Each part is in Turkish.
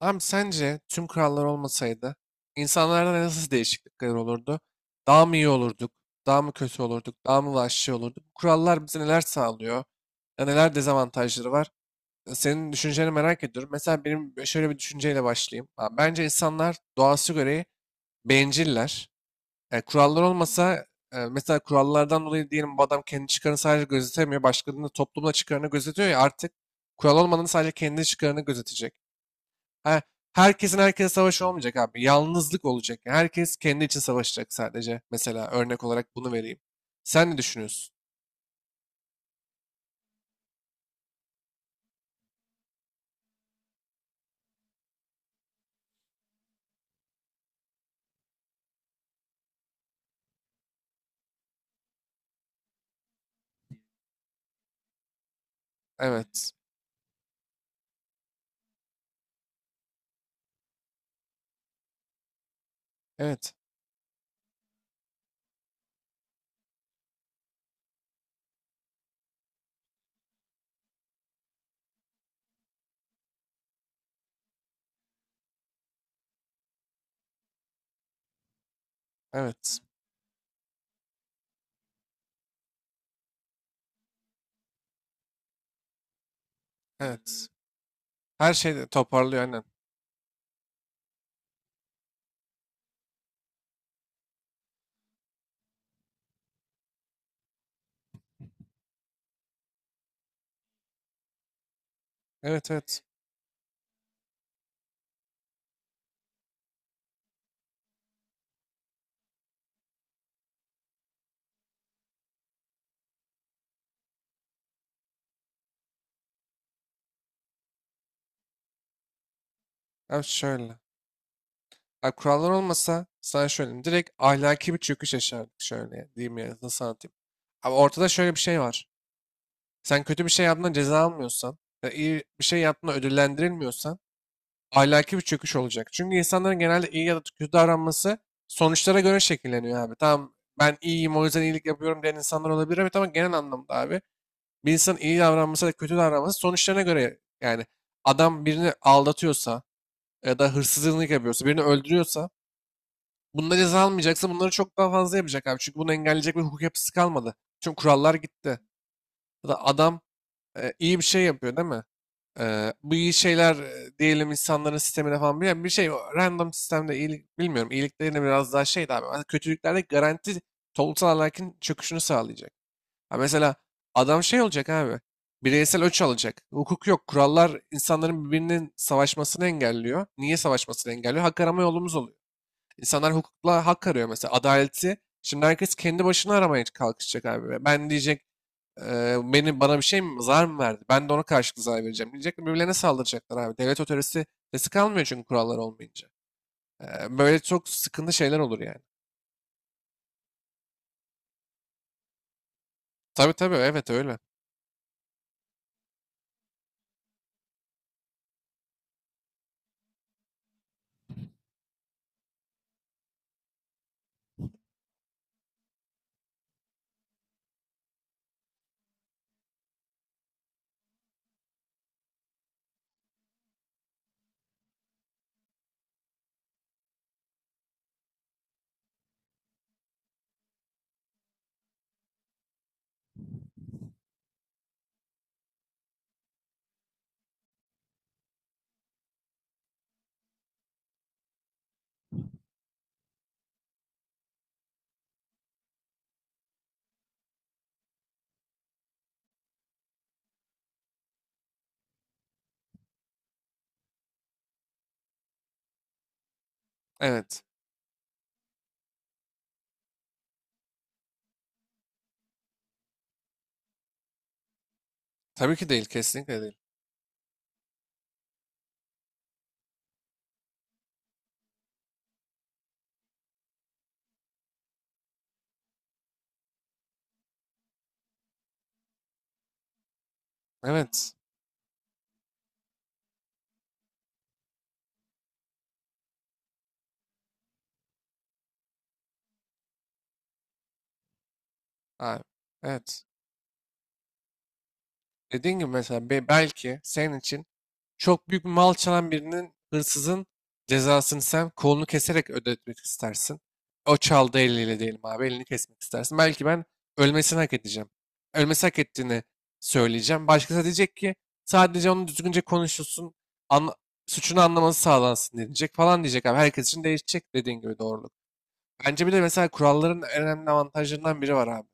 Abi sence tüm kurallar olmasaydı insanlarda nasıl değişiklikler olurdu? Daha mı iyi olurduk? Daha mı kötü olurduk? Daha mı vahşi olurduk? Bu kurallar bize neler sağlıyor? Ya neler dezavantajları var? Senin düşünceni merak ediyorum. Mesela benim şöyle bir düşünceyle başlayayım. Ha, Bence insanlar doğası gereği benciller. Kurallar olmasa mesela kurallardan dolayı diyelim bu adam kendi çıkarını sadece gözetemiyor. Başkalarının da toplumda çıkarını gözetiyor ya artık kural olmadan sadece kendi çıkarını gözetecek. Her, Herkesin herkese savaşı olmayacak abi. Yalnızlık olacak. Yani herkes kendi için savaşacak sadece. Mesela örnek olarak bunu vereyim. Sen ne düşünüyorsun? Evet. Evet. Evet. Evet. Her şeyi toparlıyor aynen. Evet, evet. Abi şöyle. Abi kurallar olmasa sana şöyle. Direkt ahlaki bir çöküş yaşardık şöyle. Diyeyim ya nasıl anlatayım. Abi ortada şöyle bir şey var. Sen kötü bir şey yaptığında ceza almıyorsan, ya iyi bir şey yaptığında ödüllendirilmiyorsan ahlaki bir çöküş olacak. Çünkü insanların genelde iyi ya da kötü davranması sonuçlara göre şekilleniyor abi. Tamam, ben iyiyim o yüzden iyilik yapıyorum diyen insanlar olabilir, evet, ama tamam, genel anlamda abi bir insanın iyi davranması ya da kötü davranması sonuçlarına göre. Yani adam birini aldatıyorsa ya da hırsızlık yapıyorsa, birini öldürüyorsa, bunda ceza almayacaksa bunları çok daha fazla yapacak abi. Çünkü bunu engelleyecek bir hukuk yapısı kalmadı. Çünkü kurallar gitti. Ya da adam iyi bir şey yapıyor değil mi? Bu iyi şeyler diyelim insanların sistemine falan bir şey, o random sistemde iyilik bilmiyorum, iyiliklerine biraz daha şey abi. Ama kötülüklerde garanti toplumsal ahlakın çöküşünü sağlayacak. Ha mesela adam şey olacak abi, bireysel öç alacak. Hukuk yok, kurallar insanların birbirinin savaşmasını engelliyor. Niye savaşmasını engelliyor? Hak arama yolumuz oluyor. İnsanlar hukukla hak arıyor mesela, adaleti. Şimdi herkes kendi başına aramaya kalkışacak abi. Ben diyecek beni, bana bir şey mi, zarar mı verdi? Ben de ona karşılık zarar vereceğim diyecekler. Birbirlerine saldıracaklar abi. Devlet otoritesi sesi kalmıyor çünkü kurallar olmayınca. Böyle çok sıkıntı şeyler olur yani. Tabii tabii, evet, öyle. Evet. Tabii ki değil, kesinlikle değil. Evet. Abi, evet. Dediğin gibi mesela belki senin için çok büyük bir mal çalan birinin, hırsızın cezasını sen kolunu keserek ödetmek istersin. O çaldığı eliyle diyelim abi, elini kesmek istersin. Belki ben ölmesini hak edeceğim. Ölmesi hak ettiğini söyleyeceğim. Başkası diyecek ki sadece onun düzgünce konuşulsun, anla- suçunu anlaması sağlansın diyecek, falan diyecek abi. Herkes için değişecek dediğin gibi doğruluk. Bence bir de mesela kuralların en önemli avantajlarından biri var abi.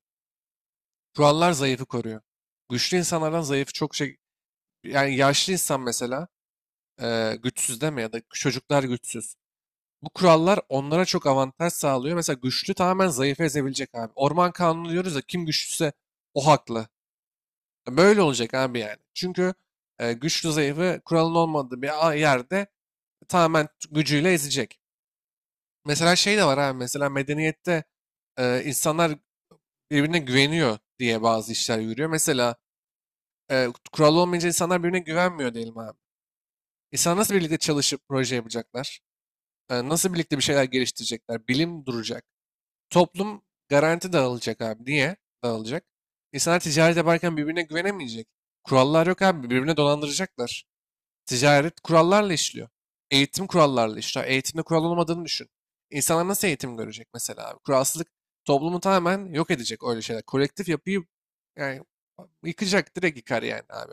Kurallar zayıfı koruyor. Güçlü insanlardan zayıfı çok şey... Yani yaşlı insan mesela güçsüz deme, ya da çocuklar güçsüz. Bu kurallar onlara çok avantaj sağlıyor. Mesela güçlü tamamen zayıfı ezebilecek abi. Orman kanunu diyoruz da, kim güçlüyse o haklı. Böyle olacak abi yani. Çünkü güçlü zayıfı kuralın olmadığı bir yerde tamamen gücüyle ezecek. Mesela şey de var abi. Mesela medeniyette insanlar birbirine güveniyor diye bazı işler yürüyor. Mesela kural olmayınca insanlar birbirine güvenmiyor diyelim abi. İnsanlar nasıl birlikte çalışıp proje yapacaklar? E, nasıl birlikte bir şeyler geliştirecekler? Bilim duracak. Toplum garanti dağılacak abi. Niye dağılacak? İnsanlar ticaret yaparken birbirine güvenemeyecek. Kurallar yok abi. Birbirine dolandıracaklar. Ticaret kurallarla işliyor. Eğitim kurallarla işliyor. Eğitimde kural olmadığını düşün. İnsanlar nasıl eğitim görecek mesela abi? Kuralsızlık toplumu tamamen yok edecek, öyle şeyler. Kolektif yapıyı yani yıkacak, direkt yıkar yani abi.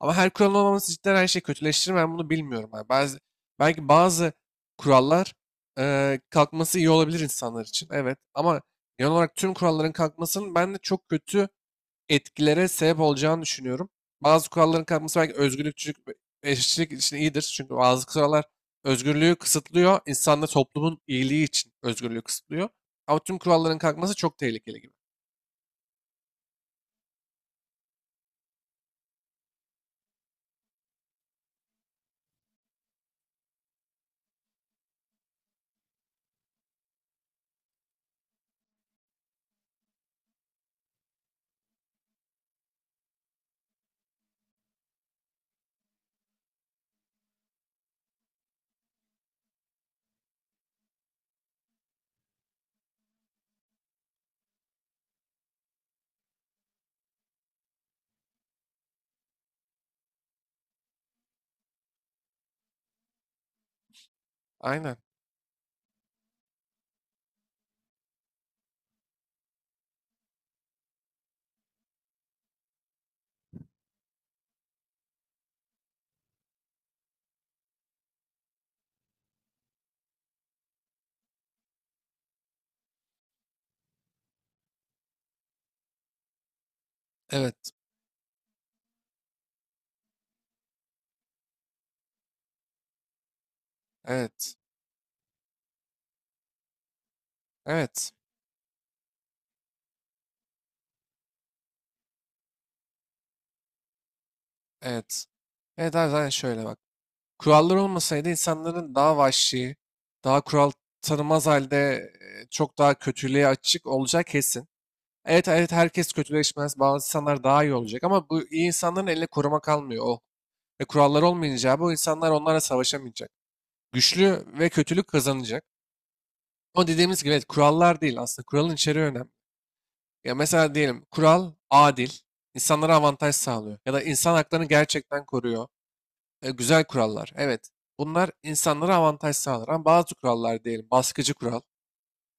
Ama her kuralın olmaması cidden her şeyi kötüleştirir mi? Ben bunu bilmiyorum abi. Belki bazı kurallar kalkması iyi olabilir insanlar için. Evet, ama genel olarak tüm kuralların kalkmasının ben de çok kötü etkilere sebep olacağını düşünüyorum. Bazı kuralların kalkması belki özgürlükçülük ve eşitlik için iyidir. Çünkü bazı kurallar özgürlüğü kısıtlıyor. İnsanla toplumun iyiliği için özgürlüğü kısıtlıyor. Ama tüm kuralların kalkması çok tehlikeli gibi. Aynen. Evet. Evet. Evet. Evet. Evet abi zaten şöyle bak. Kurallar olmasaydı insanların daha vahşi, daha kural tanımaz halde çok daha kötülüğe açık olacağı kesin. Evet evet, herkes kötüleşmez. Bazı insanlar daha iyi olacak, ama bu iyi insanların eline koruma kalmıyor. O ve kurallar olmayınca bu insanlar onlarla savaşamayacak. Güçlü ve kötülük kazanacak. O dediğimiz gibi evet, kurallar değil aslında. Kuralın içeriği önemli. Ya mesela diyelim kural adil, insanlara avantaj sağlıyor. Ya da insan haklarını gerçekten koruyor. Güzel kurallar. Evet. Bunlar insanlara avantaj sağlar. Ama bazı kurallar diyelim baskıcı kural,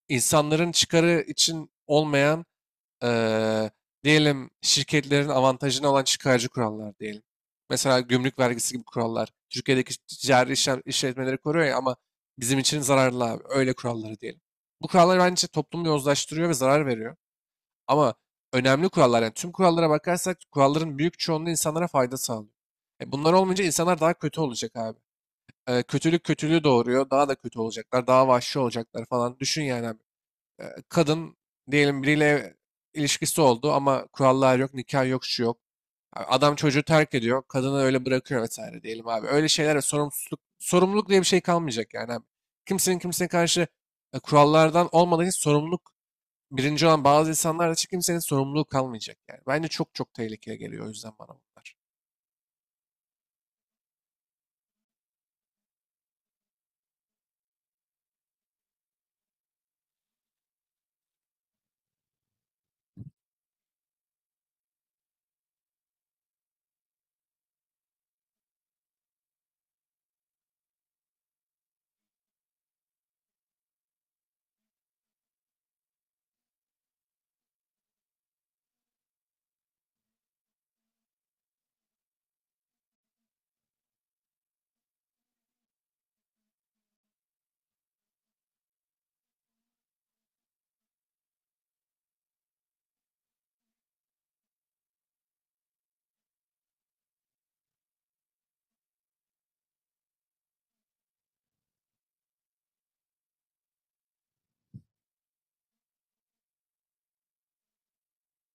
insanların çıkarı için olmayan, eee, diyelim şirketlerin avantajına olan çıkarcı kurallar diyelim. Mesela gümrük vergisi gibi kurallar. Türkiye'deki ticari işlem, işletmeleri koruyor ya, ama bizim için zararlı abi. Öyle kuralları diyelim. Bu kurallar bence işte toplumu yozlaştırıyor ve zarar veriyor. Ama önemli kurallar, yani tüm kurallara bakarsak kuralların büyük çoğunluğu insanlara fayda sağlıyor. Bunlar olmayınca insanlar daha kötü olacak abi. Kötülük kötülüğü doğuruyor. Daha da kötü olacaklar. Daha vahşi olacaklar falan. Düşün yani abi kadın diyelim biriyle ilişkisi oldu ama kurallar yok, nikah yok, şu yok. Adam çocuğu terk ediyor, kadını öyle bırakıyor vesaire diyelim abi. Öyle şeylere sorumsuzluk, sorumluluk diye bir şey kalmayacak yani abi. Kimsenin kimseye karşı kurallardan olmadığı için sorumluluk birinci olan bazı insanlar için kimsenin sorumluluğu kalmayacak yani. Bence çok çok tehlikeli geliyor o yüzden bana bunlar.